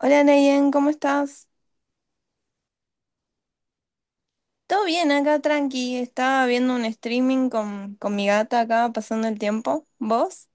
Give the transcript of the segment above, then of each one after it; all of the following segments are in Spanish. Hola Nayen, ¿cómo estás? Todo bien acá, tranqui. Estaba viendo un streaming con mi gata acá, pasando el tiempo. ¿Vos?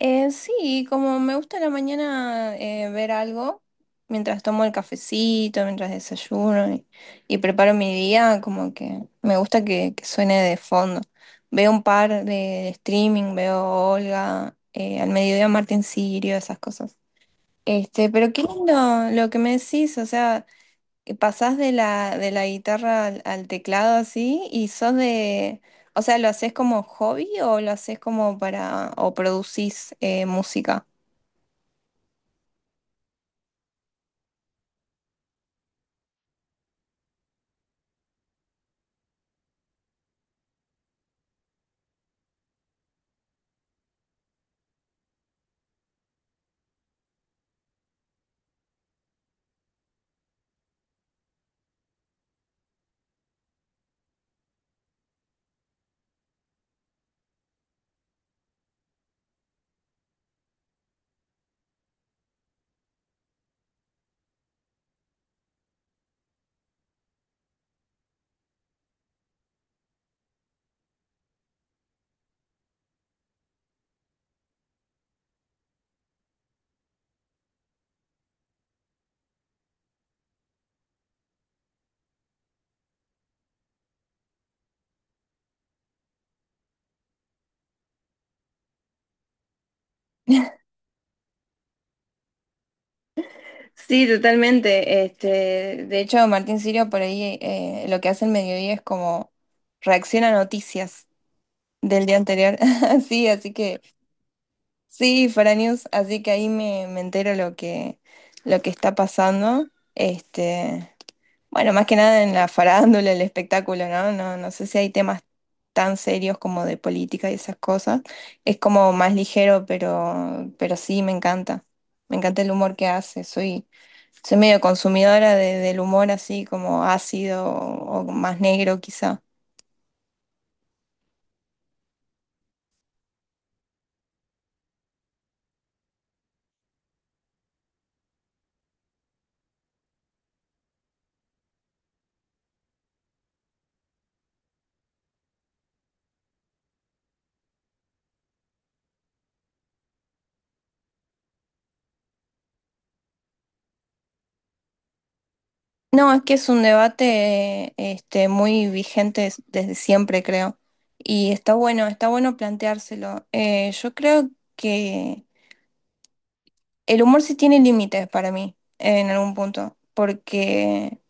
Sí, como me gusta a la mañana ver algo, mientras tomo el cafecito, mientras desayuno y preparo mi día, como que me gusta que suene de fondo. Veo un par de streaming, veo Olga, al mediodía Martín Sirio, esas cosas. Este, pero qué lindo lo que me decís, o sea, que pasás de la guitarra al teclado, así y sos de, o sea, ¿lo haces como hobby o lo haces como para, o producís música? Sí, totalmente. Este, de hecho, Martín Sirio por ahí lo que hace el mediodía es como reacciona a noticias del día anterior. Sí, así que sí, para News, así que ahí me entero lo que está pasando. Este, bueno, más que nada en la farándula, el espectáculo, ¿no? No, no sé si hay temas tan serios como de política y esas cosas. Es como más ligero, pero sí, me encanta. Me encanta el humor que hace. Soy, soy medio consumidora de- del humor así como ácido o más negro quizá. No, es que es un debate este, muy vigente des- desde siempre, creo. Y está bueno planteárselo. Yo creo el humor sí tiene límites para mí, en algún punto, porque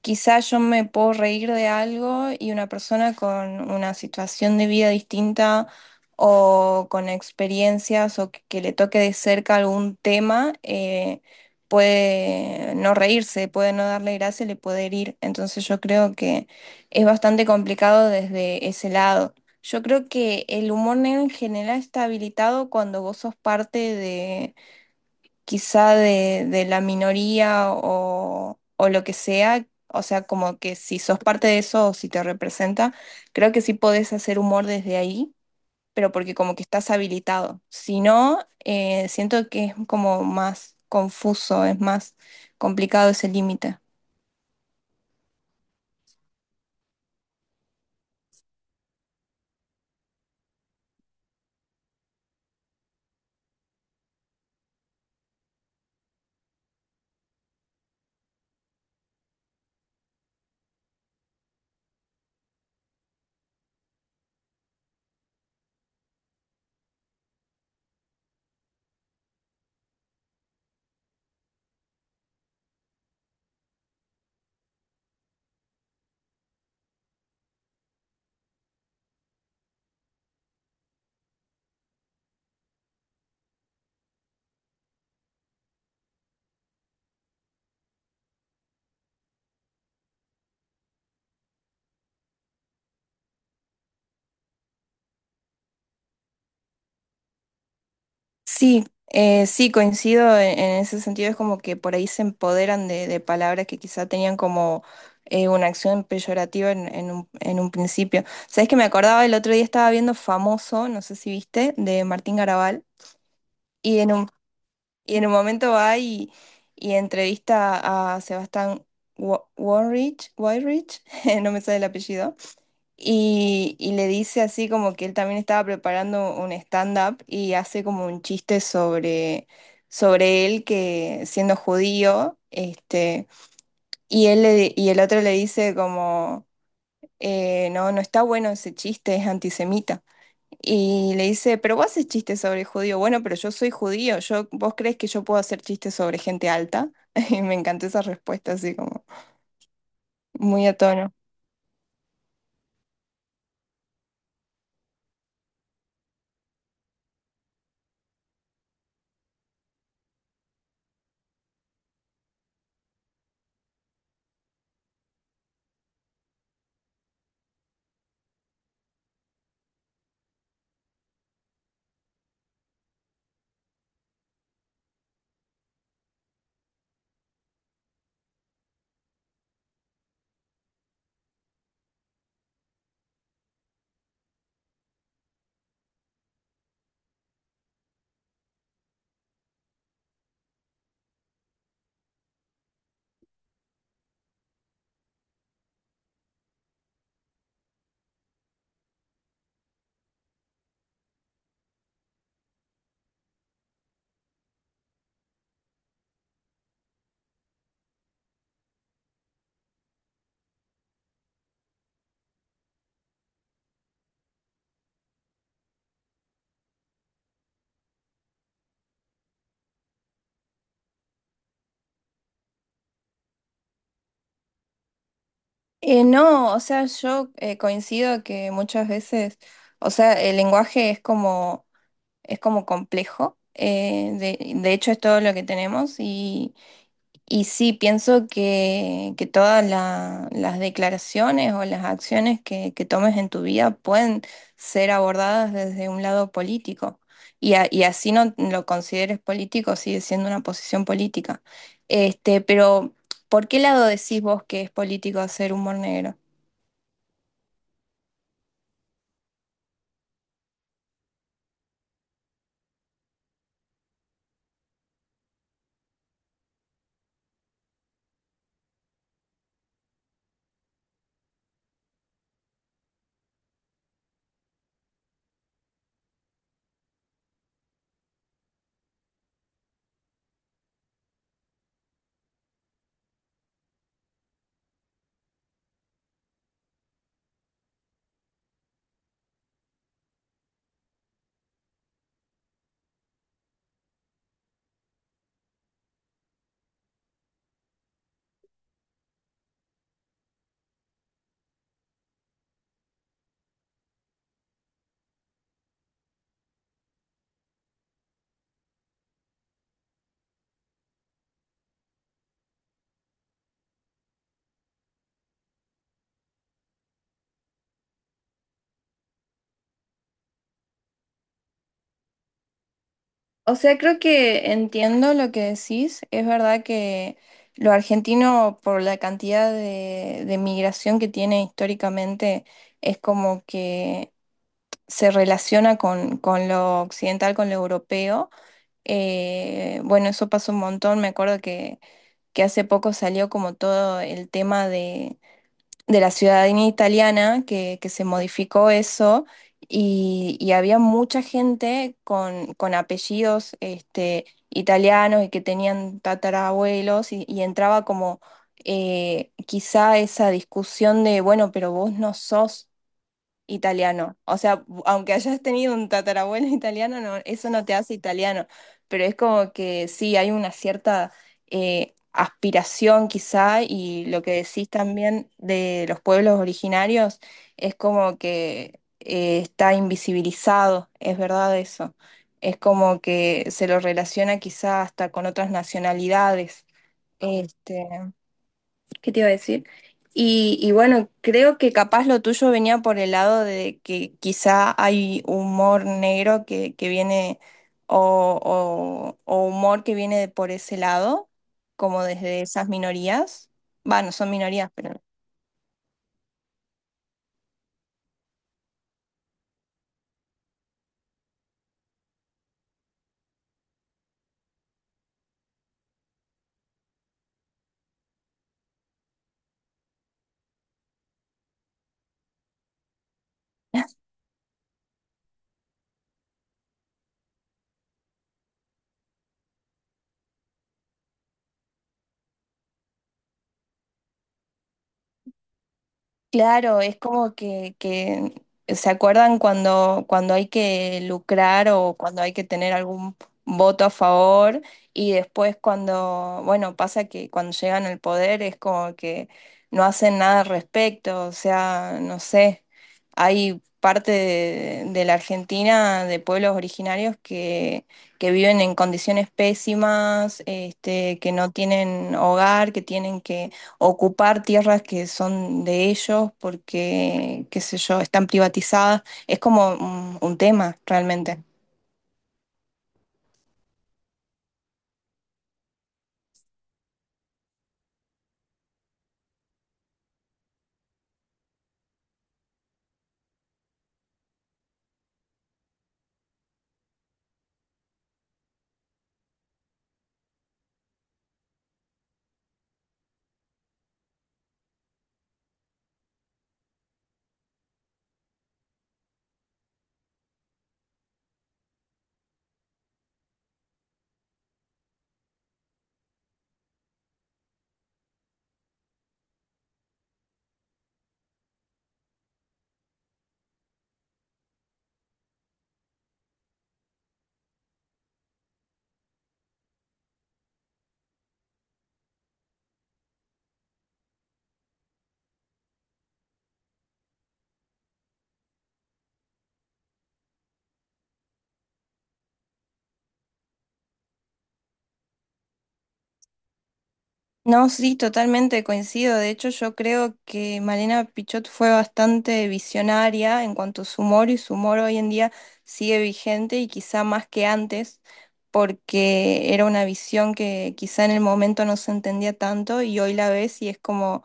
quizás yo me puedo reír de algo y una persona con una situación de vida distinta o con experiencias o que le toque de cerca algún tema, puede no reírse, puede no darle gracia, le puede herir. Entonces yo creo que es bastante complicado desde ese lado. Yo creo que el humor negro en general está habilitado cuando vos sos parte de quizá de la minoría o lo que sea, o sea, como que si sos parte de eso o si te representa, creo que sí podés hacer humor desde ahí, pero porque como que estás habilitado. Si no, siento que es como más confuso, es más complicado ese límite. Sí, sí, coincido en ese sentido. Es como que por ahí se empoderan de palabras que quizá tenían como una acción peyorativa en un principio. ¿Sabes que me acordaba? El otro día estaba viendo Famoso, no sé si viste, de Martín Garabal, y en un, y en un momento va y entrevista a Sebastián Warrich, Weinrich, no me sale el apellido y le dice así, como que él también estaba preparando un stand-up y hace como un chiste sobre, sobre él que siendo judío, este, y él le di- y el otro le dice como, no, no está bueno ese chiste, es antisemita. Y le dice, pero vos haces chistes sobre judío, bueno, pero yo soy judío, yo, ¿vos crees que yo puedo hacer chistes sobre gente alta? Y me encantó esa respuesta así como muy a tono. No, o sea, yo coincido que muchas veces, o sea, el lenguaje es como complejo, de hecho es todo lo que tenemos y sí, pienso que todas la- las declaraciones o las acciones que tomes en tu vida pueden ser abordadas desde un lado político y, a- y así no lo consideres político, sigue siendo una posición política. Este, pero, ¿por qué lado decís vos que es político hacer humor negro? O sea, creo que entiendo lo que decís. Es verdad que lo argentino, por la cantidad de migración que tiene históricamente, es como que se relaciona con lo occidental, con lo europeo. Bueno, eso pasó un montón. Me acuerdo que hace poco salió como todo el tema de la ciudadanía italiana que se modificó eso y había mucha gente con apellidos este, italianos y que tenían tatarabuelos y entraba como quizá esa discusión de, bueno, pero vos no sos italiano. O sea, aunque hayas tenido un tatarabuelo italiano, no, eso no te hace italiano. Pero es como que sí, hay una cierta aspiración quizá y lo que decís también de los pueblos originarios es como que está invisibilizado, es verdad eso. Es como que se lo relaciona quizá hasta con otras nacionalidades. Este, ¿qué te iba a decir? Y bueno, creo que capaz lo tuyo venía por el lado de que quizá hay humor negro que viene o humor que viene de por ese lado, como desde esas minorías. Bueno, son minorías, pero claro, es como que se acuerdan cuando, cuando hay que lucrar o cuando hay que tener algún voto a favor y después cuando, bueno, pasa que cuando llegan al poder es como que no hacen nada al respecto, o sea, no sé, hay parte de la Argentina, de pueblos originarios que viven en condiciones pésimas, este, que no tienen hogar, que tienen ocupar tierras que son de ellos porque, qué sé yo, están privatizadas. Es como un tema realmente. No, sí, totalmente coincido. De hecho, yo creo que Malena Pichot fue bastante visionaria en cuanto a su humor y su humor hoy en día sigue vigente y quizá más que antes, porque era una visión que quizá en el momento no se entendía tanto y hoy la ves y es como...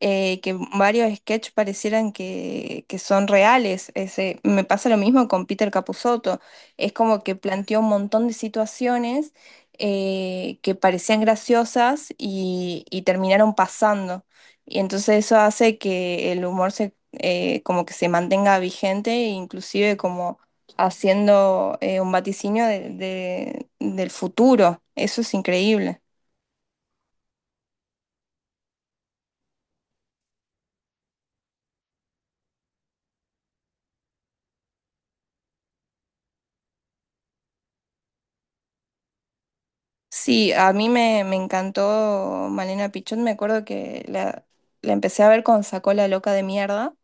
que varios sketches parecieran que son reales. Ese, me pasa lo mismo con Peter Capusotto. Es como que planteó un montón de situaciones que parecían graciosas y terminaron pasando. Y entonces eso hace que el humor se, como que se mantenga vigente, e inclusive como haciendo un vaticinio de- del futuro. Eso es increíble. Sí, a mí me encantó Malena Pichot. Me acuerdo que la empecé a ver con Sacó la loca de mierda.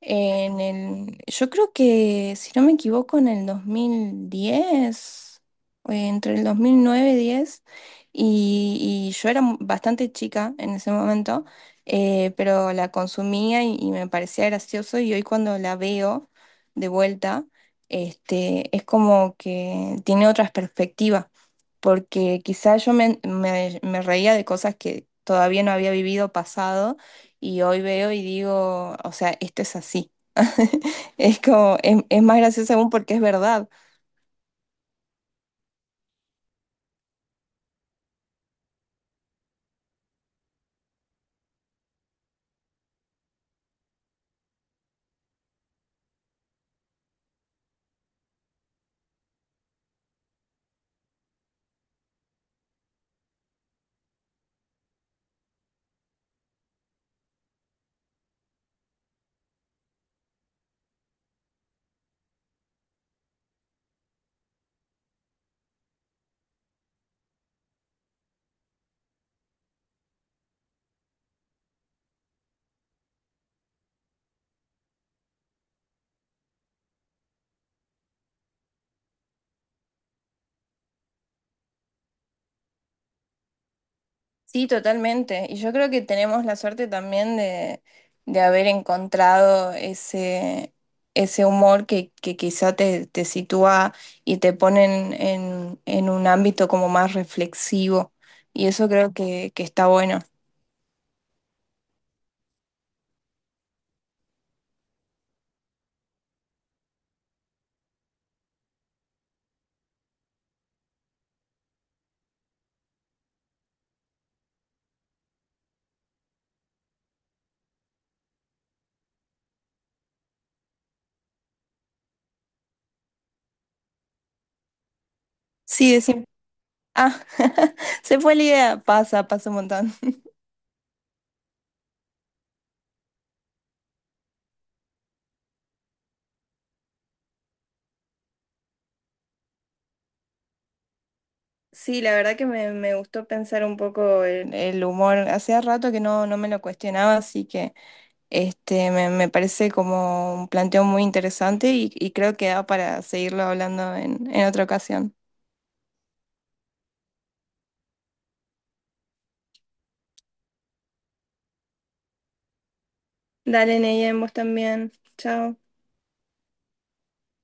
En el, yo creo que, si no me equivoco, en el 2010 entre el 2009 y 10, y yo era mu- bastante chica en ese momento, pero la consumía y me parecía gracioso, y hoy cuando la veo de vuelta, este, es como que tiene otras perspectivas, porque quizás yo me reía de cosas que todavía no había vivido pasado y hoy veo y digo, o sea, esto es así. Es como, es más gracioso aún porque es verdad. Sí, totalmente. Y yo creo que tenemos la suerte también de haber encontrado ese, ese humor que quizá te, te sitúa y te pone en un ámbito como más reflexivo. Y eso creo que está bueno. Sí, decir, ah, se fue la idea. Pasa, pasa un montón. Sí, la verdad que me gustó pensar un poco el humor. Hacía rato que no, no me lo cuestionaba, así que este me parece como un planteo muy interesante y creo que da para seguirlo hablando en otra ocasión. Dale, Neyen, vos también. Chao.